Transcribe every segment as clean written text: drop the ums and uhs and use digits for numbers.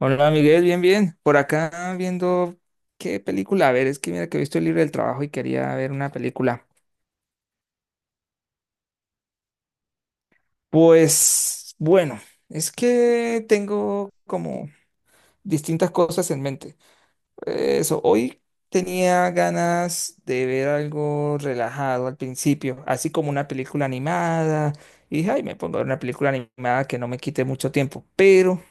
Hola Miguel, bien, bien. Por acá viendo qué película. A ver, es que mira que he visto el libro del trabajo y quería ver una película. Pues bueno, es que tengo como distintas cosas en mente. Eso, hoy tenía ganas de ver algo relajado al principio, así como una película animada. Y dije, ay, me pongo a ver una película animada que no me quite mucho tiempo. Pero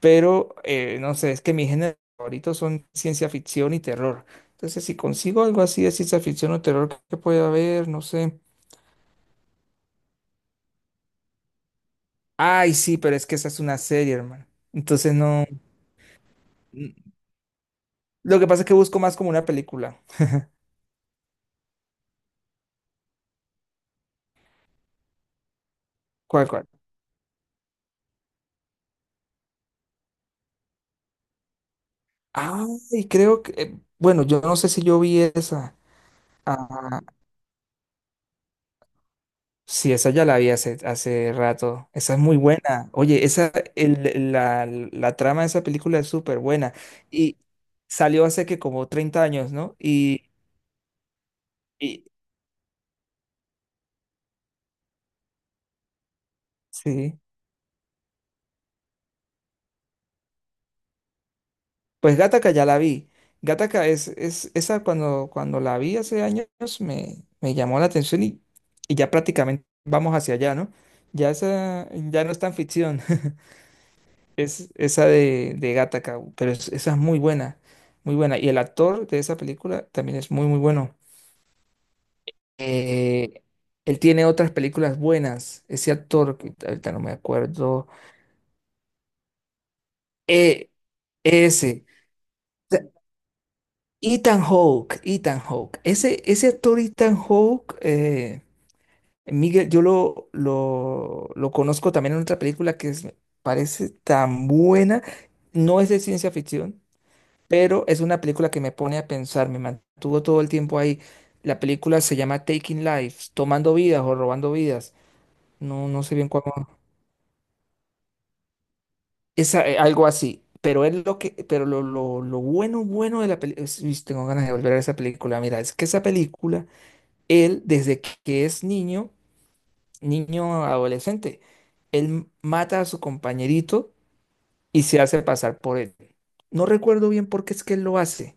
pero no sé, es que mis géneros favoritos son ciencia ficción y terror. Entonces, si consigo algo así de ciencia ficción o terror que pueda haber, no sé. Ay, sí, pero es que esa es una serie, hermano. Entonces, no. n- Lo que pasa es que busco más como una película. ¿Cuál, cuál? Ay, creo que. Bueno, yo no sé si yo vi esa. Ah, sí, esa ya la vi hace, hace rato. Esa es muy buena. Oye, esa, la, la trama de esa película es súper buena. Y salió hace que como 30 años, ¿no? Y sí, pues Gattaca ya la vi. Gattaca es esa cuando, cuando la vi hace años me, me llamó la atención y ya prácticamente vamos hacia allá, ¿no? Ya esa, ya no es tan ficción. Es esa de Gattaca, pero esa es muy buena, muy buena. Y el actor de esa película también es muy, muy bueno. Eh, él tiene otras películas buenas. Ese actor, que ahorita no me acuerdo. eh, Ese. O sea, Ethan Hawke, Ethan Hawke. Ese actor Ethan Hawke, Miguel, yo lo conozco también en otra película me parece tan buena. No es de ciencia ficción, pero es una película que me pone a pensar, me mantuvo todo el tiempo ahí. La película se llama Taking Lives, tomando vidas o robando vidas. No, no sé bien cuál. Algo así. Pero es lo que, pero lo bueno, bueno de la película. Tengo ganas de volver a esa película. Mira, es que esa película, él, desde que es niño, niño adolescente, él mata a su compañerito y se hace pasar por él. No recuerdo bien por qué es que él lo hace.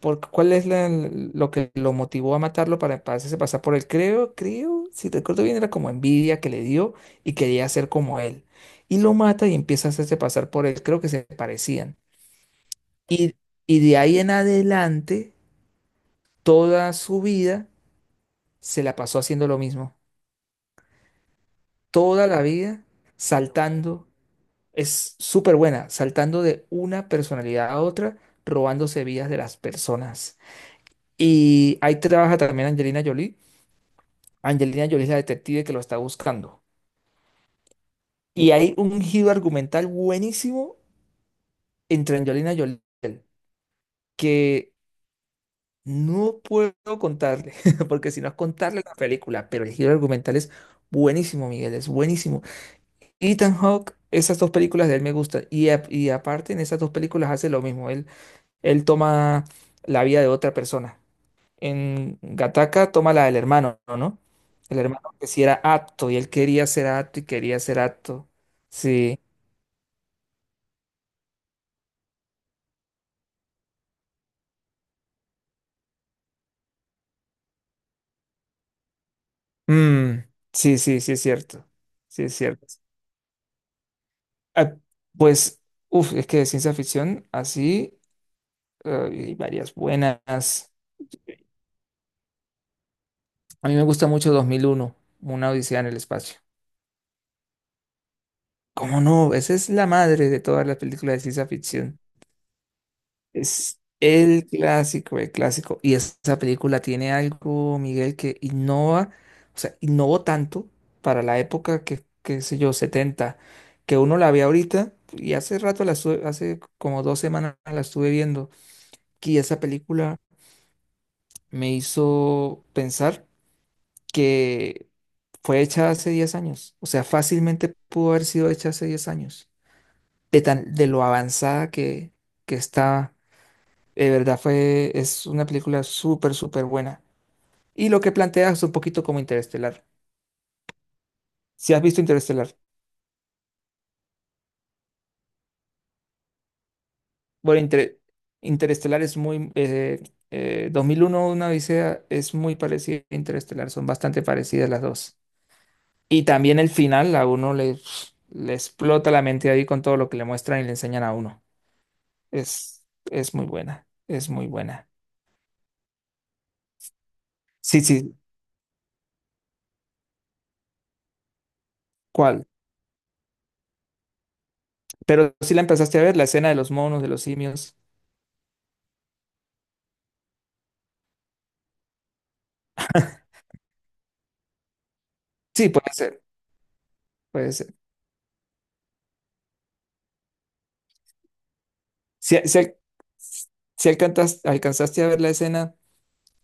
¿Por cuál es lo que lo motivó a matarlo para hacerse pasar por él? Creo, creo, si recuerdo bien, era como envidia que le dio y quería ser como él. Y lo mata y empieza a hacerse pasar por él. Creo que se parecían. Y, y de ahí en adelante, toda su vida se la pasó haciendo lo mismo. Toda la vida saltando. Es súper buena, saltando de una personalidad a otra, robándose vidas de las personas. Y ahí trabaja también Angelina Jolie. Angelina Jolie es la detective que lo está buscando. Y hay un giro argumental buenísimo entre Angelina Jolie y él, que no puedo contarle, porque si no es contarle la película, pero el giro argumental es buenísimo, Miguel, es buenísimo. Ethan Hawke, esas dos películas de él me gustan. Y, y aparte, en esas dos películas hace lo mismo. Él toma la vida de otra persona. En Gattaca toma la del hermano, ¿no? El hermano que sí era apto y él quería ser apto y quería ser apto. Sí. Mm, sí, sí, sí es cierto. Sí es cierto. Ah, pues, uff, es que de ciencia ficción así hay varias buenas. A mí me gusta mucho 2001, Una Odisea en el Espacio. ¿Cómo no? Esa es la madre de todas las películas de ciencia ficción. Es el clásico, el clásico. Y esa película tiene algo, Miguel, que innova, o sea, innovó tanto para la época, que qué sé yo, setenta, que uno la ve ahorita, y hace rato la estuve, hace como 2 semanas la estuve viendo. Y esa película me hizo pensar que fue hecha hace 10 años. O sea, fácilmente pudo haber sido hecha hace 10 años. De tan, de lo avanzada que está. De verdad fue, es una película súper, súper buena. Y lo que plantea es un poquito como Interestelar. Si has visto Interestelar, bueno, Interestelar es muy, 2001, una odisea, es muy parecida a Interestelar, son bastante parecidas las dos. Y también el final, a uno le, le explota la mente ahí con todo lo que le muestran y le enseñan a uno. Es muy buena, es muy buena. Sí, sí, ¿cuál? Pero si la empezaste a ver, la escena de los monos, de los simios. Sí, puede ser, puede ser. Si, si al- si alcanzaste a ver la escena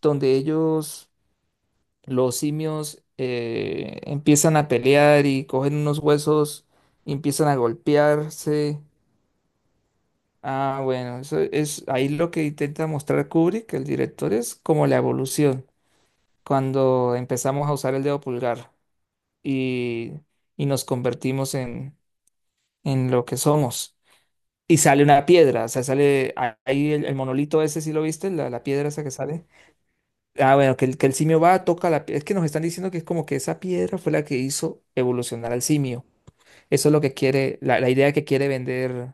donde ellos, los simios, empiezan a pelear y cogen unos huesos y empiezan a golpearse. Ah, bueno, eso es ahí lo que intenta mostrar Kubrick, el director, es como la evolución, cuando empezamos a usar el dedo pulgar y, y nos convertimos en lo que somos. Y sale una piedra, o sea, sale ahí el monolito ese, ¿si lo viste? La piedra esa que sale. Ah, bueno, que el simio va, toca la piedra. Es que nos están diciendo que es como que esa piedra fue la que hizo evolucionar al simio. Eso es lo que quiere, la idea que quiere vender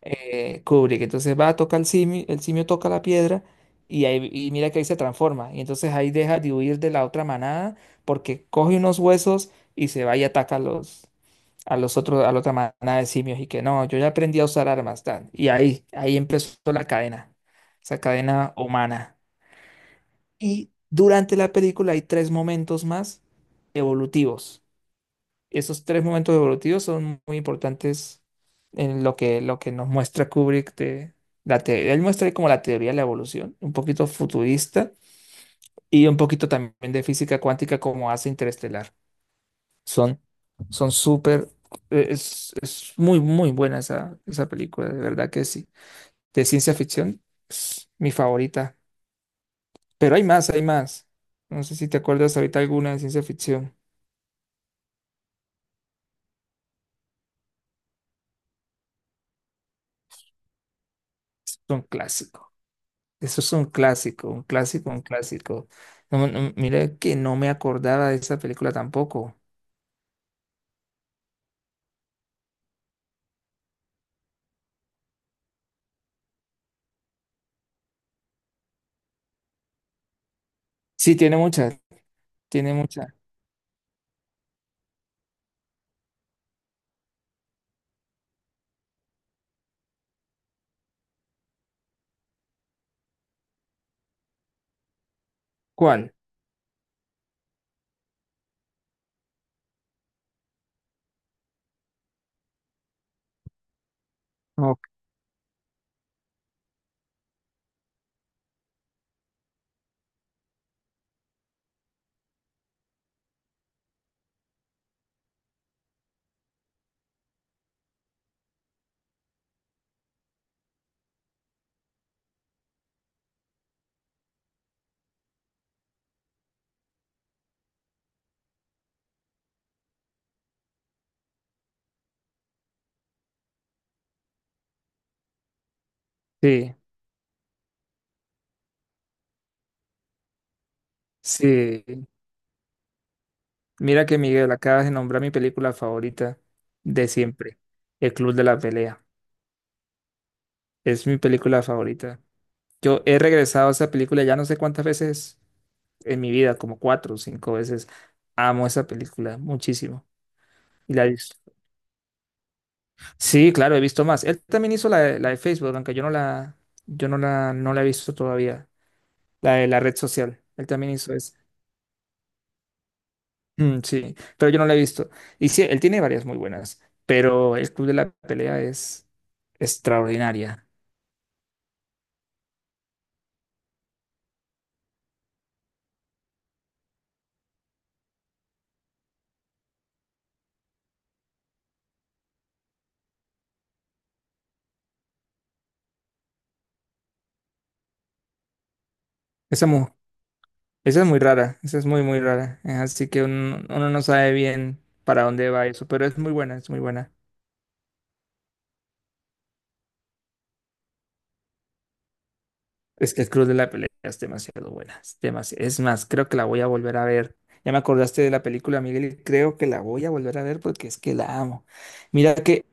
Kubrick. Entonces va, toca el simio toca la piedra y, ahí, y mira que ahí se transforma. Y entonces ahí deja de huir de la otra manada porque coge unos huesos y se va y ataca a los otros, a la otra manada de simios. Y que no, yo ya aprendí a usar armas, tal. Y ahí, ahí empezó la cadena, esa cadena humana. Y durante la película hay tres momentos más evolutivos. Esos tres momentos evolutivos son muy importantes en lo que nos muestra Kubrick de la teoría. Él muestra como la teoría de la evolución, un poquito futurista y un poquito también de física cuántica como hace Interestelar. Son, son súper, es muy, muy buena esa, esa película, de verdad que sí. De ciencia ficción, es mi favorita. Pero hay más, hay más. No sé si te acuerdas ahorita alguna de ciencia ficción. Es un clásico. Eso es un clásico, un clásico, un clásico. No, no, mira que no me acordaba de esa película tampoco. Sí, tiene muchas, tiene muchas. ¿Cuál? Ok. Sí, sí. Mira que Miguel, acabas de nombrar mi película favorita de siempre, El Club de la Pelea. Es mi película favorita. Yo he regresado a esa película ya no sé cuántas veces en mi vida, como 4 o 5 veces. Amo esa película muchísimo. Y la he visto. Sí, claro, he visto más. Él también hizo la de Facebook, aunque yo no la, yo no la, no la he visto todavía. La de la red social. Él también hizo esa. Mm, sí, pero yo no la he visto. Y sí, él tiene varias muy buenas, pero el Club de la Pelea es extraordinaria. Esa, esa es muy rara, esa es muy, muy rara. Así que uno, uno no sabe bien para dónde va eso, pero es muy buena, es muy buena. Es que el Club de la Pelea es demasiado buena. Es, es más, creo que la voy a volver a ver. Ya me acordaste de la película, Miguel, y creo que la voy a volver a ver porque es que la amo. Mira que,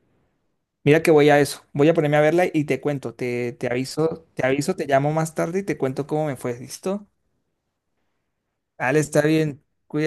mira que voy a eso. Voy a ponerme a verla y te cuento. Te aviso, te aviso, te llamo más tarde y te cuento cómo me fue. ¿Listo? Dale, está bien. Cuídate.